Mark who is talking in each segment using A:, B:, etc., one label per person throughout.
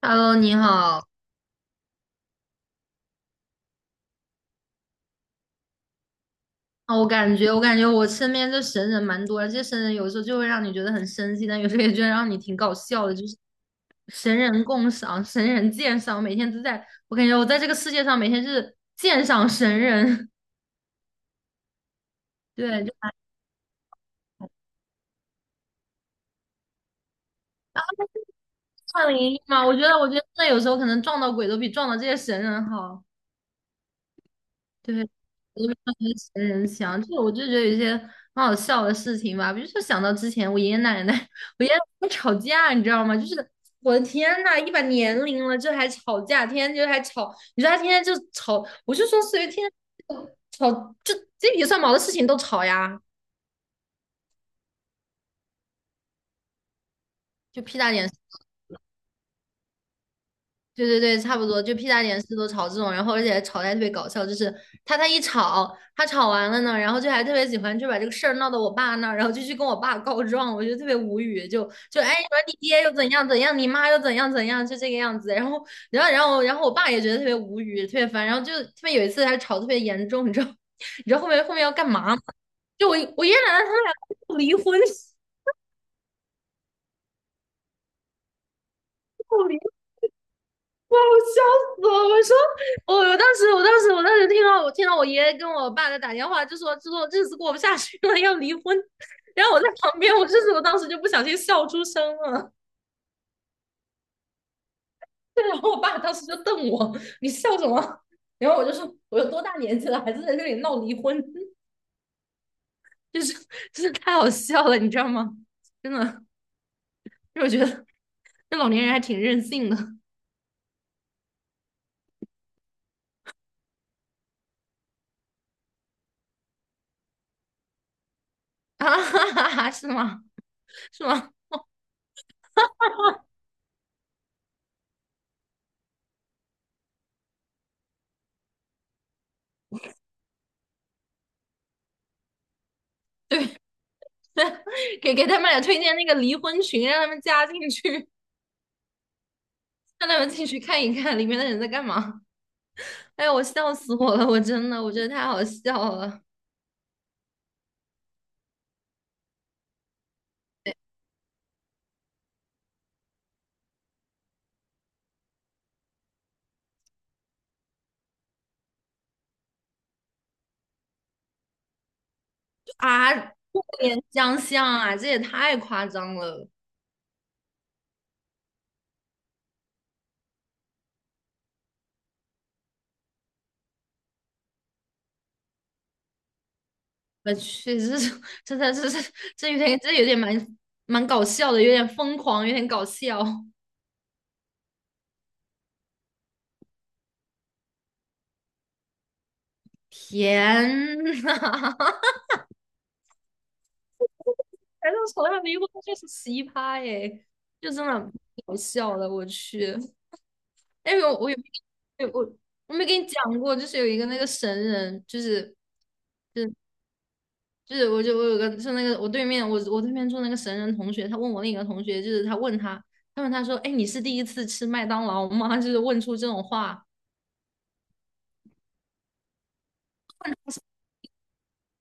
A: Hello，你好。啊，我感觉，我感觉我身边这神人蛮多的，这些神人有时候就会让你觉得很生气，但有时候也觉得让你挺搞笑的，就是神人共赏、神人鉴赏，每天都在，我感觉我在这个世界上每天是鉴赏神人，对，就算灵一嘛。我觉得，我觉得真的有时候可能撞到鬼都比撞到这些神人好。对，我就帮那些人想，就我就觉得有一些很好笑的事情吧，比如说想到之前我爷爷奶奶，我爷爷奶奶吵架，你知道吗？就是我的天呐，一把年龄了，这还吵架，天天就还吵，你说他天天就吵，我就说随便天天就吵，就鸡皮蒜毛的事情都吵呀，就屁大点事。对对对，差不多，就屁大点事都吵这种，然后而且吵得还特别搞笑，就是他一吵，他吵完了呢，然后就还特别喜欢就把这个事儿闹到我爸那儿，然后就去跟我爸告状，我就特别无语，就就哎，你说你爹又怎样怎样，你妈又怎样怎样，就这个样子，然后我爸也觉得特别无语，特别烦，然后就特别有一次还吵得特别严重，你知道 你知道后面要干嘛吗？就我爷爷奶奶他们俩要离婚，要离。哇！我笑死了！我说，我当时听到，我听到我爷爷跟我爸在打电话，就说日子过不下去了，要离婚。然后我在旁边，我就是我当时就不小心笑出声了。然后我爸当时就瞪我，你笑什么？然后我就说，我有多大年纪了，还是在这里闹离婚，就是就是太好笑了，你知道吗？真的，因为我觉得这老年人还挺任性的 啊，哈哈哈哈是吗？是吗？给他们俩推荐那个离婚群，让他们加进去。让他们进去看一看里面的人在干嘛。哎呀，我笑死我了！我真的，我觉得太好笑了啊！过年相像啊，这也太夸张了！我去，这是这这这这这有点蛮搞笑的，有点疯狂，有点搞笑。天呐，还是从来没遇过就是奇葩耶，就真的搞笑了，我去！哎呦，我有没有我没跟你讲过，就是有一个那个神人，就是。就是我有个是那个我对面坐那个神人同学，他问我另一个同学，就是他问他，他问他说，哎，你是第一次吃麦当劳吗？就是问出这种话，他是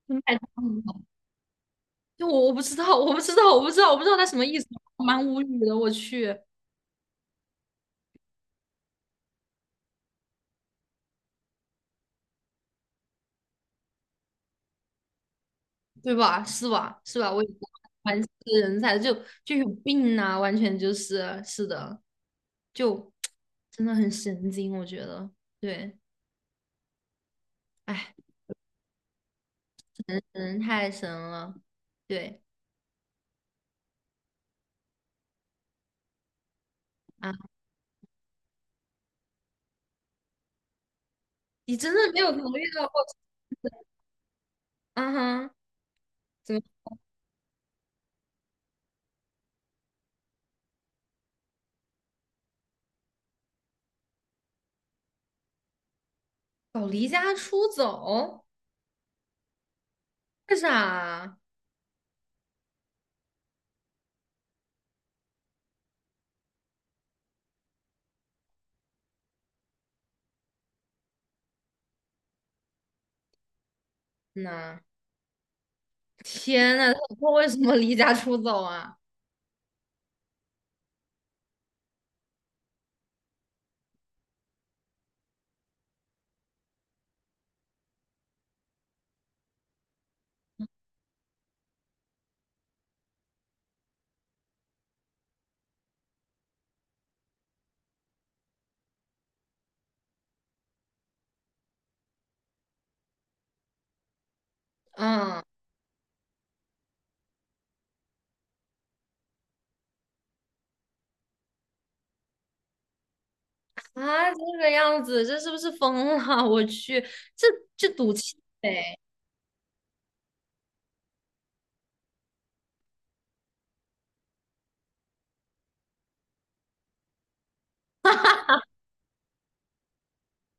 A: 是麦当劳就我不知道，我不知道，我不知道，我不知道他什么意思，蛮无语的，我去，对吧？是吧？是吧？我也不蛮是人才，就就有病呐、完全就是是的，就 真的很神经，我觉得，对，哎，人太神了，对。啊。你真的没有考虑到过，啊哈，怎么搞离家出走？为啥呐？天呐，他为什么离家出走啊？啊啊，这个样子，这是不是疯了？我去，这这赌气呗！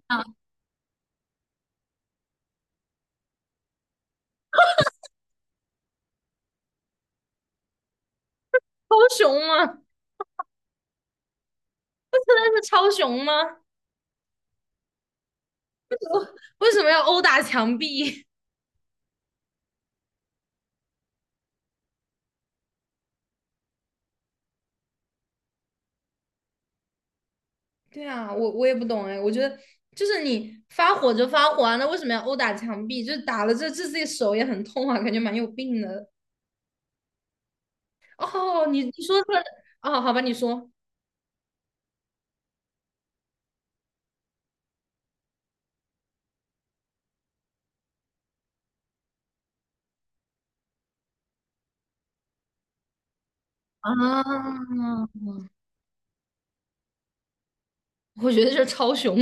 A: 啊，超雄吗？真的是超雄吗？为什么要殴打墙壁？对啊，我也不懂哎，我觉得就是你发火就发火啊，那为什么要殴打墙壁？就是打了这自己手也很痛啊，感觉蛮有病的。哦，你说出来啊？好吧，你说啊，我觉得这超雄，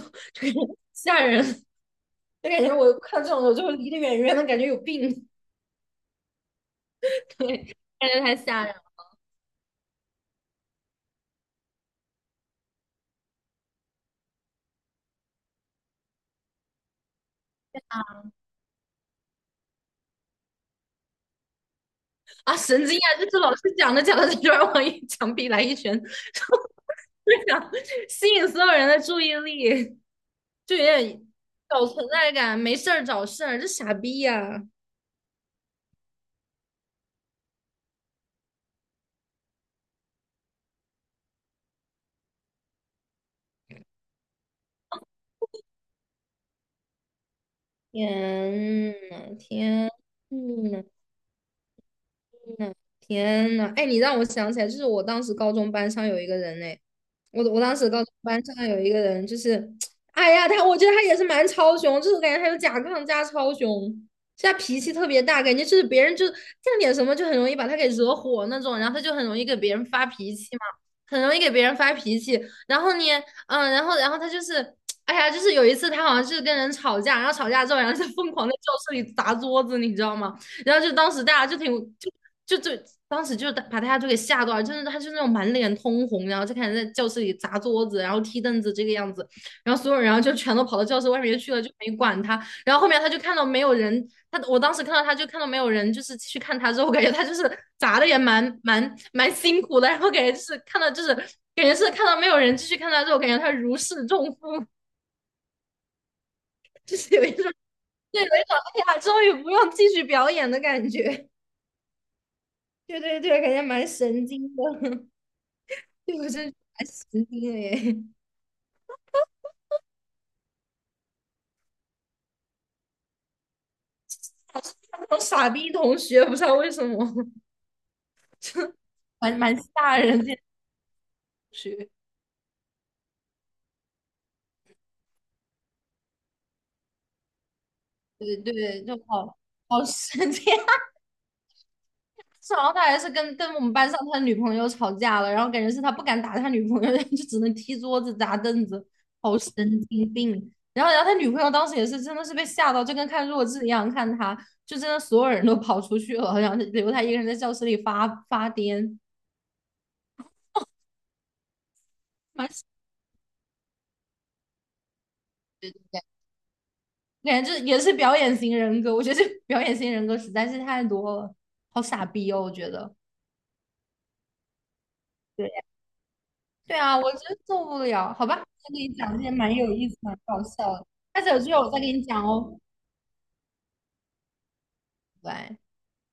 A: 就是吓人，就感觉我看这种我就离得远远的，感觉有病，对，感觉太吓人了啊！神经啊！这老师讲着讲着，他突然往一墙壁来一拳，然后就想吸引所有人的注意力，就有点搞存在感，没事儿找事儿，这傻逼呀、天呐，天呐！嗯，天呐，哎，你让我想起来，就是我当时高中班上有一个人哎，我我当时高中班上有一个人，就是，哎呀，他我觉得他也是蛮超雄，就是我感觉他有甲亢加超雄，就他脾气特别大，感觉就是别人就干点什么就很容易把他给惹火那种，然后他就很容易给别人发脾气嘛，很容易给别人发脾气，然后呢，嗯，然后他就是，哎呀，就是有一次他好像是跟人吵架，然后吵架之后，然后就疯狂在教室里砸桌子，你知道吗？然后就当时大家就挺就就就当时就把大家都给吓到了，真的，他就那种满脸通红，然后就开始在教室里砸桌子，然后踢凳子这个样子，然后所有人然后就全都跑到教室外面去了，就没管他。然后后面他就看到没有人，他我当时看到他就看到没有人，就是继续看他之后，我感觉他就是砸的也蛮辛苦的，然后感觉就是看到就是感觉是看到没有人继续看他之后，感觉他如释重负，就是有一种对有一种哎呀，终于不用继续表演的感觉。对对对，感觉蛮神经的。对我真的蛮神经的耶，好像那种傻逼同学，不知道为什么，就蛮吓人的同学。对对，就好神经。然后他还是跟我们班上他的女朋友吵架了，然后感觉是他不敢打他女朋友，就只能踢桌子砸凳子，好神经病。然后，然后他女朋友当时也是真的是被吓到，就跟看弱智一样看他，就真的所有人都跑出去了，然后留他一个人在教室里发发癫，蛮神感觉就也是表演型人格，我觉得这表演型人格实在是太多了，好傻逼哦，我觉得。对对啊，我真受不了，好吧，再给你讲这些蛮有意思、蛮搞笑的。下次有机会我再给你讲哦，拜拜。